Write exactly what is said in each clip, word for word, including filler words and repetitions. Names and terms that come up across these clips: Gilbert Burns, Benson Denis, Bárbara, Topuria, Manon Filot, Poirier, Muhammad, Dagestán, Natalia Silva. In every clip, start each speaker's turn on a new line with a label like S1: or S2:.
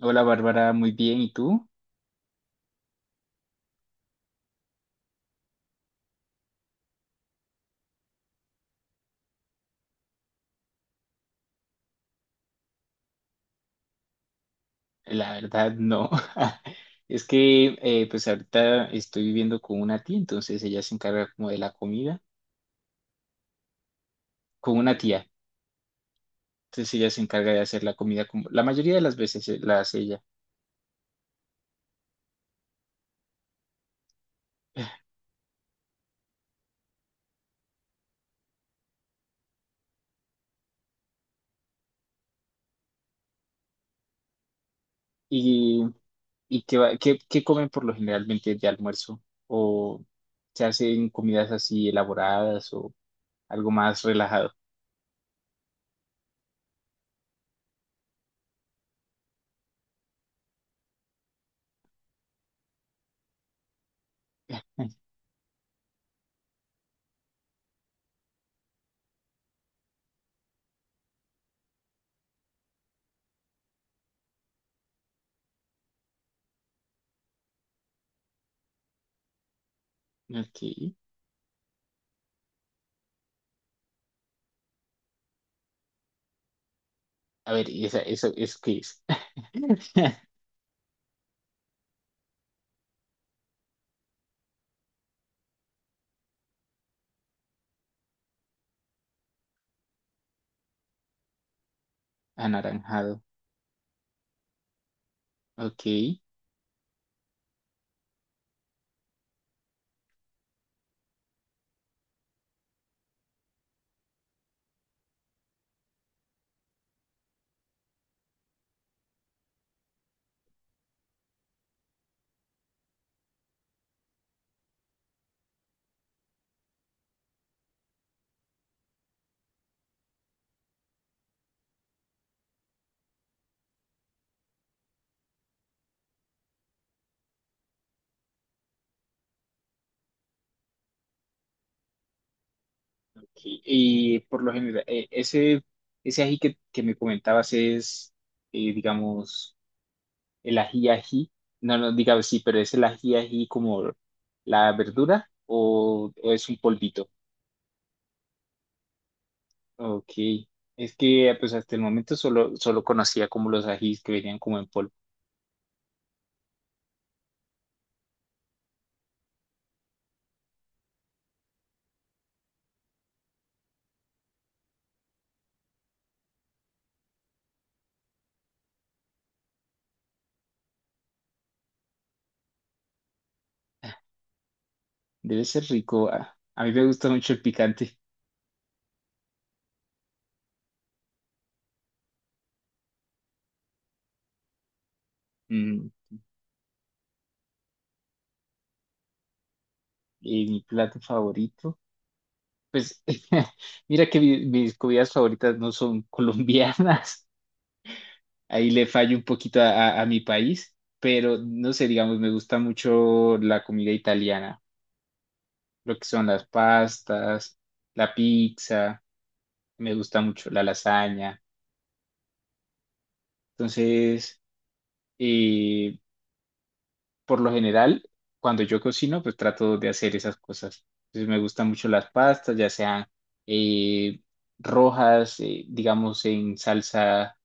S1: Hola Bárbara, muy bien. ¿Y tú? La verdad, no. Es que eh, pues ahorita estoy viviendo con una tía, entonces ella se encarga como de la comida, con una tía. Entonces ella se encarga de hacer la comida como la mayoría de las veces, eh, la hace ella. ¿Y, y qué, va- qué, qué comen por lo generalmente de almuerzo? ¿O se hacen comidas así elaboradas o algo más relajado? Ok. A ver, ¿y esa, eso, eso qué es? Anaranjado. Ok. Y, y por lo general, eh, ese, ese ají que, que me comentabas es, eh, digamos, el ají ají. No, no, digamos, sí, pero es el ají ají como la verdura o, o es un polvito. Ok. Es que pues hasta el momento solo, solo conocía como los ajís que venían como en polvo. Debe ser rico. A, a mí me gusta mucho el picante. Mm, y mi plato favorito. Pues mira que mi- mis comidas favoritas no son colombianas. Ahí le fallo un poquito a, a- a mi país, pero no sé, digamos, me gusta mucho la comida italiana, lo que son las pastas, la pizza, me gusta mucho la lasaña. Entonces, eh, por lo general, cuando yo cocino, pues trato de hacer esas cosas. Entonces, me gustan mucho las pastas, ya sean, eh, rojas, eh, digamos, en salsa,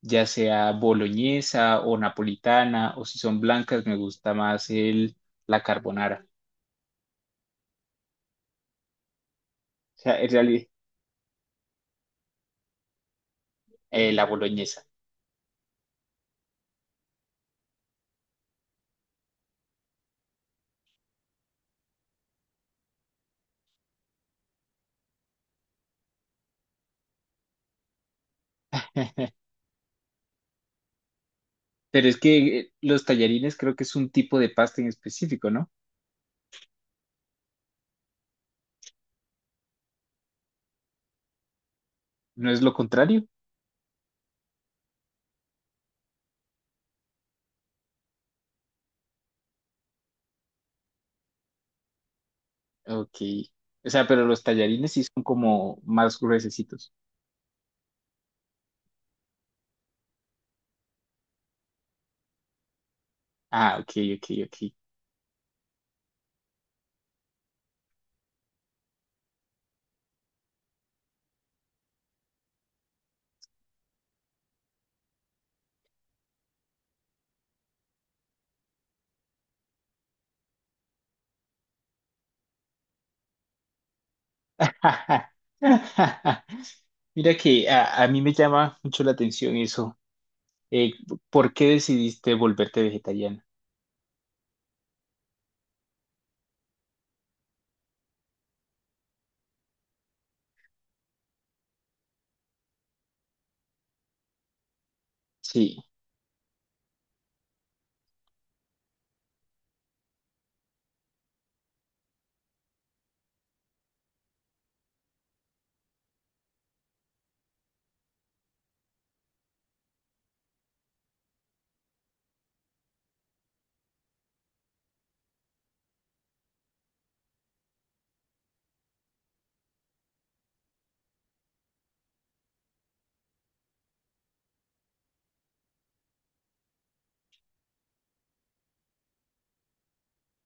S1: ya sea boloñesa o napolitana, o si son blancas, me gusta más el, la carbonara, o sea, en realidad, eh, la boloñesa. Pero es que eh, los tallarines creo que es un tipo de pasta en específico, ¿no? ¿No es lo contrario? Ok. O sea, pero los tallarines sí son como más gruesecitos. Ah, ok, ok, ok. Mira que a, a mí me llama mucho la atención eso. Eh, ¿Por qué decidiste volverte vegetariana? Sí.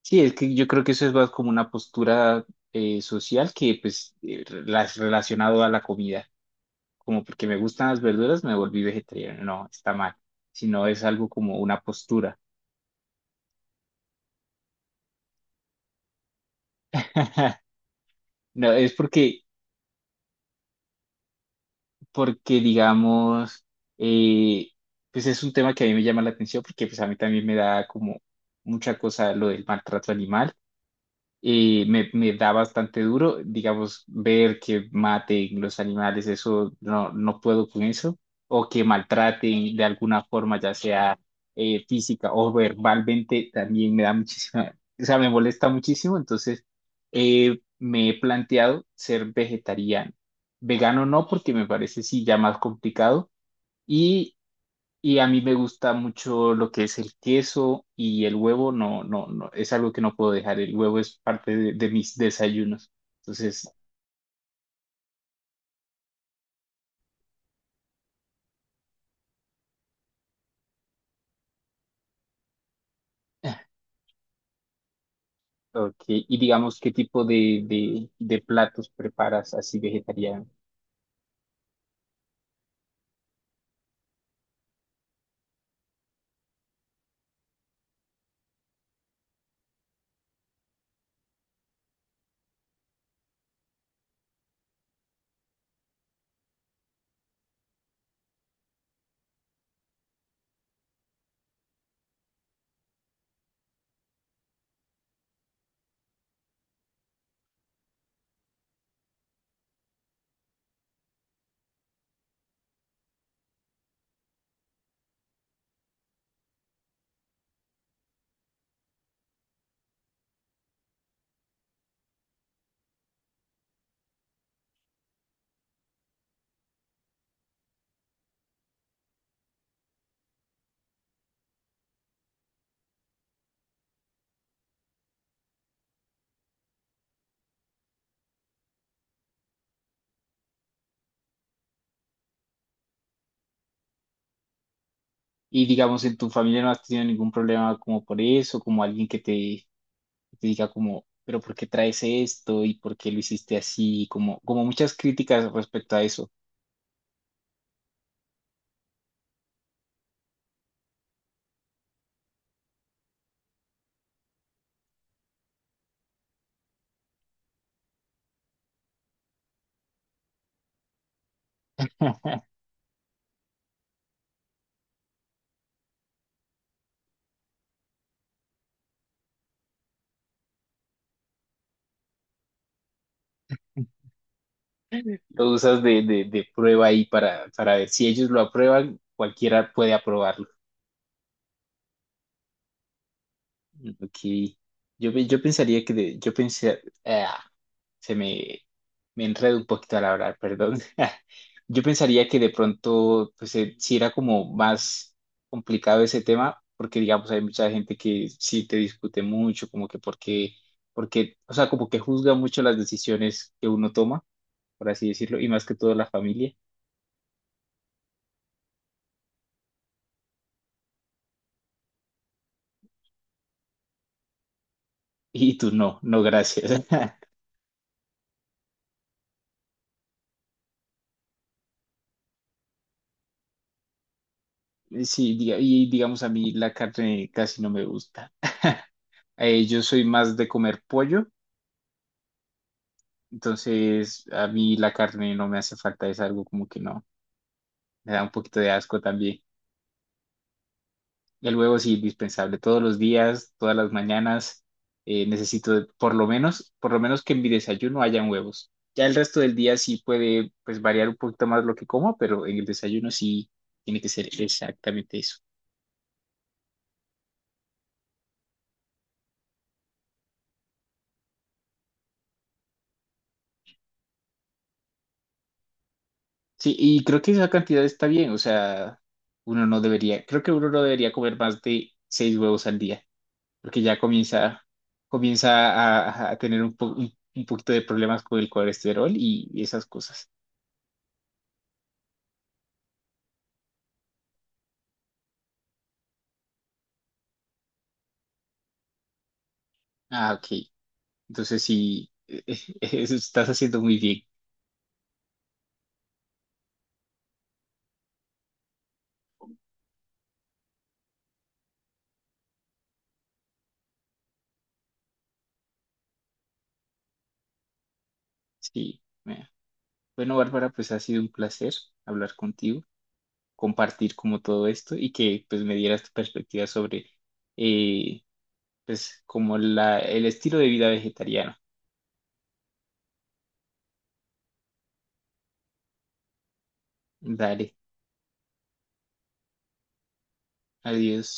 S1: Sí, es que yo creo que eso es más como una postura, eh, social, que pues eh, rela- relacionado a la comida, como porque me gustan las verduras me volví vegetariano, no, está mal, sino es algo como una postura. No, es porque, porque digamos, eh, pues es un tema que a mí me llama la atención porque pues a mí también me da como mucha cosa lo del maltrato animal, eh, me, me da bastante duro, digamos, ver que maten los animales, eso no, no puedo con eso, o que maltraten de alguna forma, ya sea eh, física o verbalmente, también me da muchísima, o sea, me molesta muchísimo, entonces eh, me he planteado ser vegetariano, vegano no, porque me parece sí ya más complicado, y y a mí me gusta mucho lo que es el queso y el huevo, no, no, no, es algo que no puedo dejar. El huevo es parte de, de mis desayunos. Entonces, ok. Y digamos, ¿qué tipo de, de, de platos preparas así vegetariano? Y digamos, en tu familia no has tenido ningún problema como por eso, como alguien que te, que te diga como, pero ¿por qué traes esto? ¿Y por qué lo hiciste así? Como, como muchas críticas respecto a eso. Lo usas de, de, de prueba ahí para, para ver si ellos lo aprueban, cualquiera puede aprobarlo. Ok. Yo, pe- yo pensaría que de- yo pensé, ah, se me, me enredo un poquito al hablar, perdón. Yo pensaría que de pronto, pues eh, sí era como más complicado ese tema, porque digamos, hay mucha gente que sí te discute mucho, como que porque, porque, o sea, como que juzga mucho las decisiones que uno toma, por así decirlo, y más que todo la familia. Y tú no, no gracias. Eh, Sí, diga- y digamos a mí la carne casi no me gusta. Eh, yo soy más de comer pollo, entonces a mí la carne no me hace falta, es algo como que no, me da un poquito de asco también. El huevo sí, indispensable, todos los días, todas las mañanas, eh, necesito de- por lo menos, por lo menos que en mi desayuno hayan huevos. Ya el resto del día sí puede pues variar un poquito más lo que como, pero en el desayuno sí tiene que ser exactamente eso. Sí, y creo que esa cantidad está bien, o sea, uno no debería, creo que uno no debería comer más de seis huevos al día, porque ya comienza, comienza a, a tener un, po- un, un poquito de problemas con el colesterol y, y esas cosas. Ah, ok. Entonces sí, eso estás haciendo muy bien. Sí. Mira. Bueno, Bárbara, pues ha sido un placer hablar contigo, compartir como todo esto y que pues me dieras tu perspectiva sobre, eh, pues como la, el estilo de vida vegetariano. Dale, adiós.